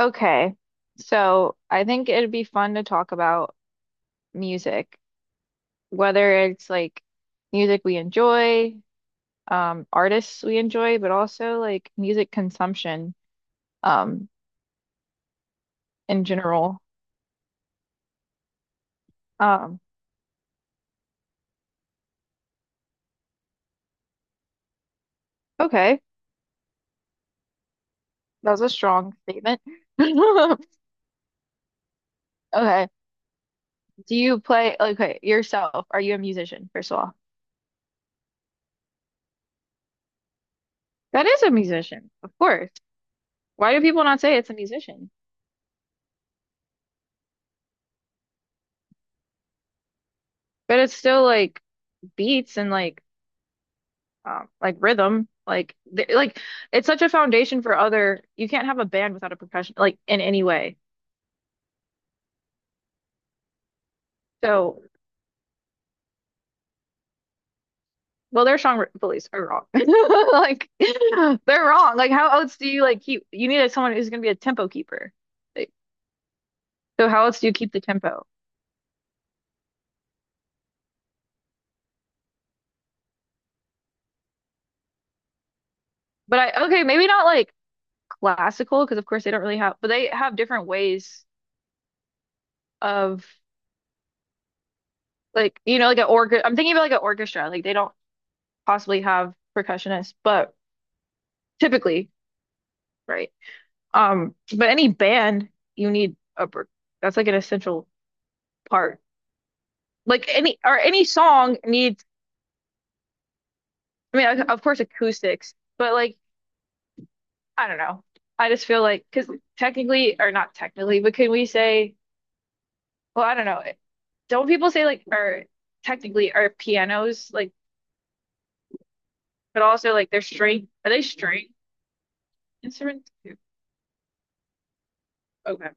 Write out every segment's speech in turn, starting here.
Okay, so I think it'd be fun to talk about music, whether it's like music we enjoy, artists we enjoy, but also like music consumption, um, in general. Um, okay, that was a strong statement. Okay, do you play, okay, yourself? Are you a musician, first of all? That is a musician, of course. Why do people not say it's a musician? But it's still like beats and like rhythm like it's such a foundation for other, you can't have a band without a percussion like in any way. So well, their song police are wrong. Like they're wrong, like how else do you like keep, you need someone who's going to be a tempo keeper, like, so how else do you keep the tempo? But I, okay, maybe not like classical, because of course they don't really have, but they have different ways of, like you know like an organ, I'm thinking about like an orchestra, like they don't possibly have percussionists, but typically, right. But any band, you need a per-, that's like an essential part. Like any or any song needs, I mean, of course acoustics, but like I don't know. I just feel like because technically or not technically, but can we say, well, I don't know. Don't people say like or technically are pianos like, but also like they're string? Are they string instruments? Too? Okay,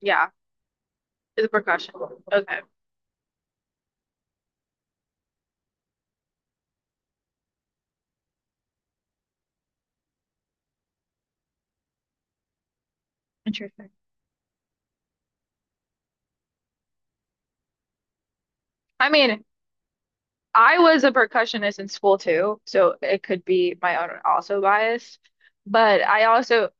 yeah, it's a percussion. Okay, interesting. I mean. I was a percussionist in school too, so it could be my own also bias. But I also,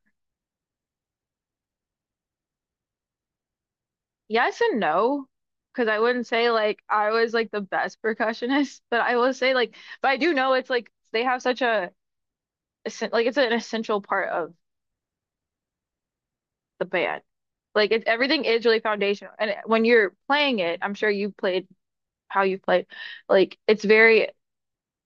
yes and no, because I wouldn't say like I was like the best percussionist, but I will say like, but I do know it's like they have such a, essen-, like it's an essential part of the band. Like it, everything is really foundational. And when you're playing it, I'm sure you played how you played, like it's very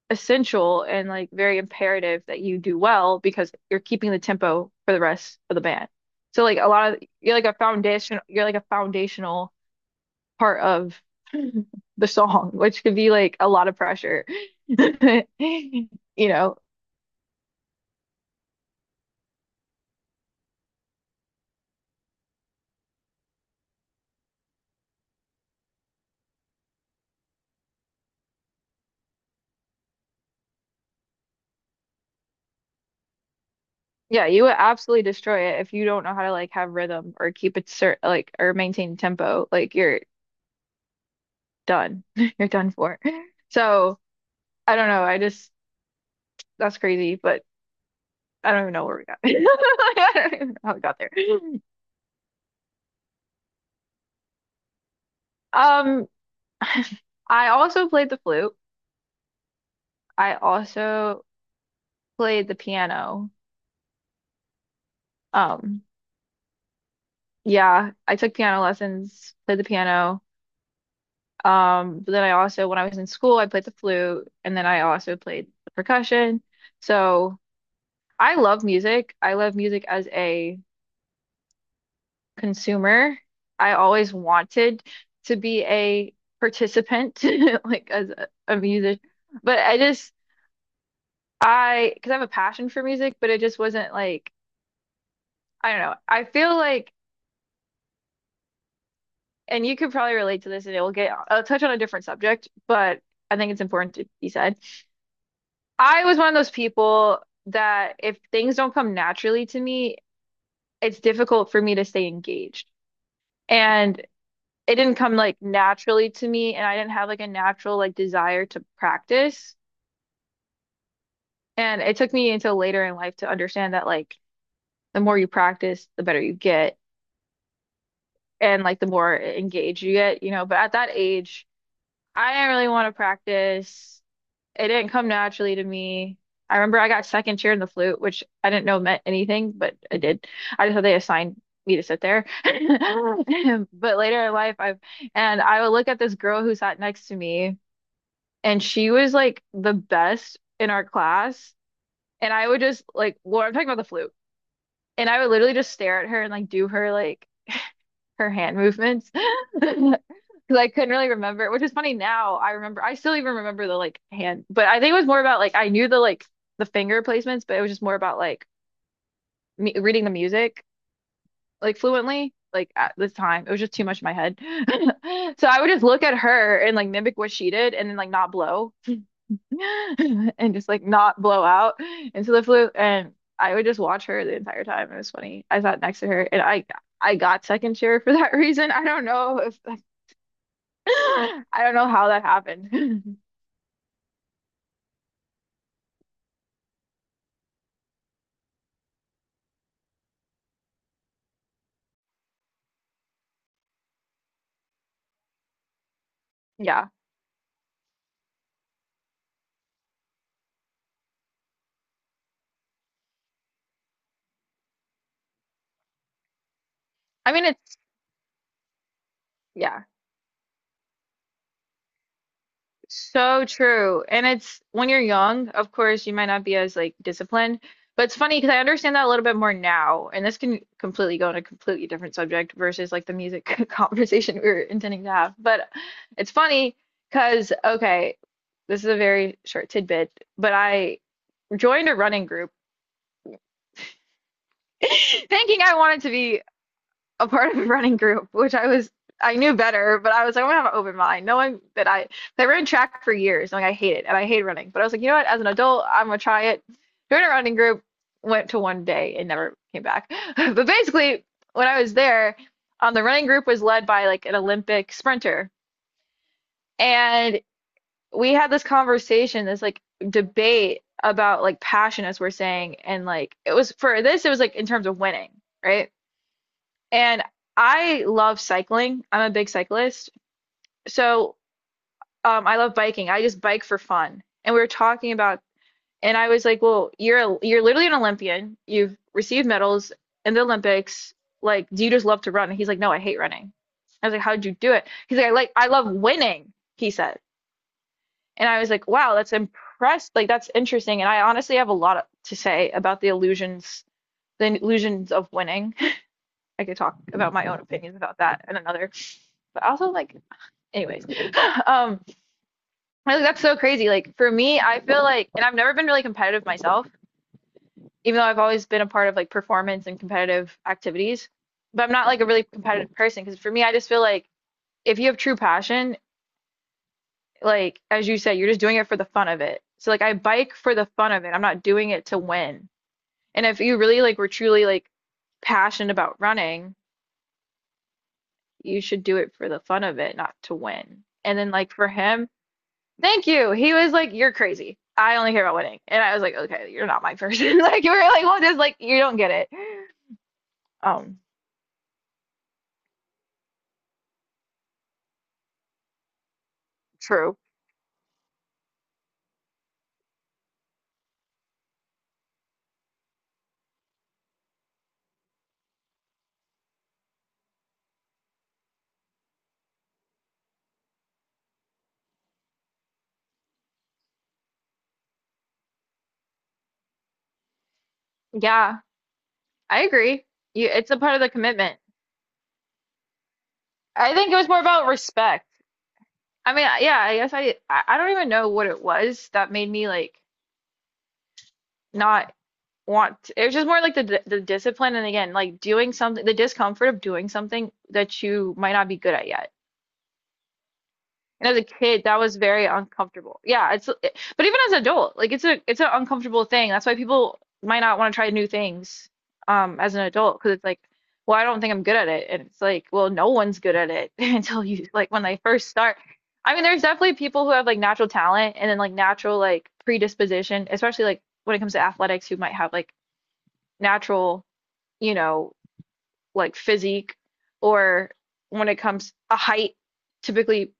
essential and like very imperative that you do well because you're keeping the tempo for the rest of the band. So like a lot of, you're like a foundation, you're like a foundational part of the song, which could be like a lot of pressure. You know, yeah, you would absolutely destroy it if you don't know how to like have rhythm or keep it cert like or maintain tempo. Like you're done. You're done for. So I don't know. I just, that's crazy, but I don't even know where we got. I don't even know how we got there. Um, I also played the flute. I also played the piano. Um, yeah, I took piano lessons, played the piano. But then I also, when I was in school, I played the flute, and then I also played the percussion. So I love music. I love music as a consumer. I always wanted to be a participant, like as a music. But I just because I have a passion for music, but it just wasn't like, I don't know. I feel like, and you could probably relate to this and it will get, I'll touch on a different subject, but I think it's important to be said. I was one of those people that if things don't come naturally to me, it's difficult for me to stay engaged. And it didn't come like naturally to me, and I didn't have like a natural like desire to practice. And it took me until later in life to understand that like the more you practice, the better you get. And like the more engaged you get, you know. But at that age, I didn't really want to practice. It didn't come naturally to me. I remember I got second chair in the flute, which I didn't know meant anything, but I did. I just thought they assigned me to sit there. But later in life, I've, and I would look at this girl who sat next to me, and she was like the best in our class. And I would just like, well, I'm talking about the flute. And I would literally just stare at her and like do her like her hand movements. Because I couldn't really remember, which is funny now. I remember, I still even remember the like hand, but I think it was more about like I knew the like the finger placements, but it was just more about like me reading the music like fluently. Like at this time, it was just too much in my head. So I would just look at her and like mimic what she did, and then like not blow, and just like not blow out into the flute, and I would just watch her the entire time. It was funny. I sat next to her, and I got second chair for that reason. I don't know if I don't know how that happened. Yeah. I mean, it's, yeah, so true. And it's when you're young, of course, you might not be as like disciplined, but it's funny because I understand that a little bit more now. And this can completely go on a completely different subject versus like the music conversation we were intending to have. But it's funny because, okay, this is a very short tidbit, but I joined a running group thinking I wanted to be a part of a running group, which I was, I knew better, but I was like, I'm gonna have an open mind, knowing that I ran track for years, and like I hate it and I hate running. But I was like, you know what, as an adult, I'm gonna try it. Joined a running group, went to one day and never came back. But basically, when I was there, the running group was led by like an Olympic sprinter, and we had this conversation, this like debate about like passion, as we're saying, and like it was for this, it was like in terms of winning, right? And I love cycling. I'm a big cyclist. So I love biking. I just bike for fun. And we were talking about, and I was like, well, you're literally an Olympian. You've received medals in the Olympics. Like, do you just love to run? And he's like, no, I hate running. I was like, how'd you do it? He's like, I love winning, he said. And I was like, wow, that's impressed. Like, that's interesting. And I honestly have a lot to say about the illusions of winning. I could talk about my own opinions about that and another. But also, like, anyways um I like that's so crazy, like for me I feel like, and I've never been really competitive myself, even though I've always been a part of like performance and competitive activities, but I'm not like a really competitive person because for me I just feel like if you have true passion, like as you said, you're just doing it for the fun of it, so like I bike for the fun of it, I'm not doing it to win, and if you really like were truly like passionate about running, you should do it for the fun of it, not to win, and then like for him, thank you. He was like, "You're crazy. I only care about winning." And I was like, "Okay, you're not my person." Like you were like, "Well, just like you don't get it." Um, true. Yeah, I agree. You, it's a part of the commitment. I think it was more about respect. I mean, yeah, I guess I don't even know what it was that made me like not want to-, it was just more like the discipline, and again, like doing something, the discomfort of doing something that you might not be good at yet. And as a kid, that was very uncomfortable. Yeah, it's it-, but even as an adult, like it's an uncomfortable thing. That's why people might not want to try new things as an adult, because it's like, well, I don't think I'm good at it. And it's like, well, no one's good at it until you like when they first start. I mean, there's definitely people who have like natural talent and then like natural like predisposition, especially like when it comes to athletics, who might have like natural, you know, like physique, or when it comes a height typically,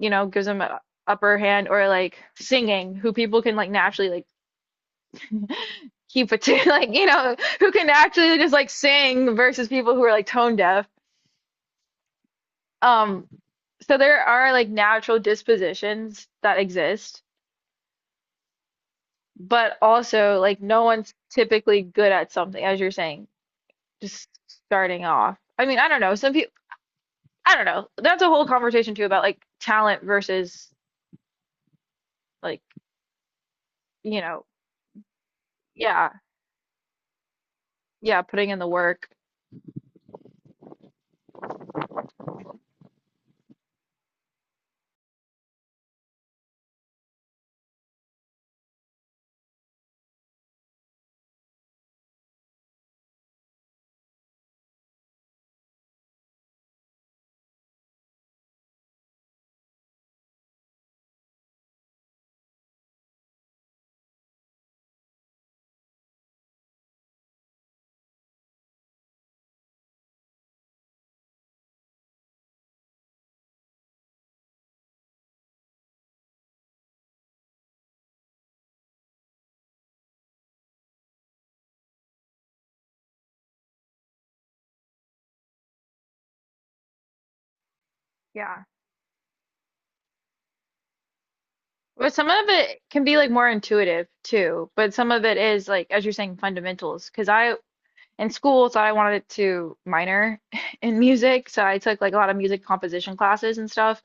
you know, gives them an upper hand, or like singing, who people can like naturally like keep it to like, you know, who can actually just like sing versus people who are like tone deaf. Um, so there are like natural dispositions that exist, but also like no one's typically good at something, as you're saying, just starting off. I mean, I don't know. Some people, I don't know. That's a whole conversation too about like talent versus like, you know, yeah, yeah, putting in the work. Yeah. But some of it can be like more intuitive too, but some of it is like, as you're saying, fundamentals. Because I in school thought I wanted to minor in music, so I took like a lot of music composition classes and stuff.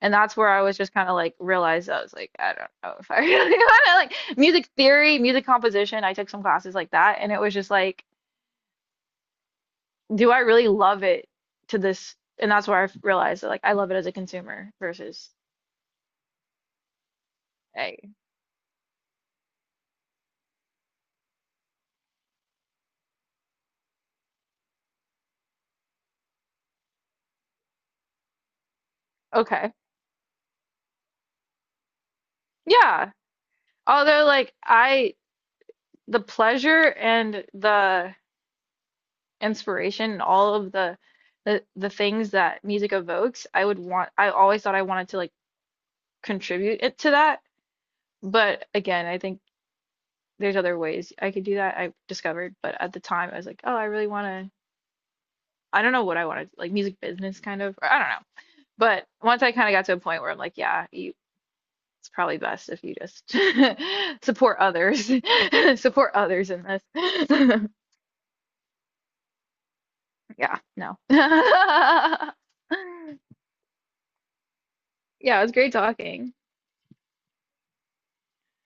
And that's where I was just kind of like realized I was like, I don't know if I really want to like music theory, music composition. I took some classes like that, and it was just like, do I really love it to this? And that's where I realized that like I love it as a consumer versus a, okay, yeah. Although, like, I the pleasure and the inspiration and all of the things that music evokes, I would want, I always thought I wanted to like contribute it to that. But again, I think there's other ways I could do that. I discovered, but at the time I was like, oh, I really want to, I don't know what I wanted, like music business kind of, or I don't know. But once I kind of got to a point where I'm like, yeah, you, it's probably best if you just support others, support others in this. Yeah, no. Yeah, it was great talking.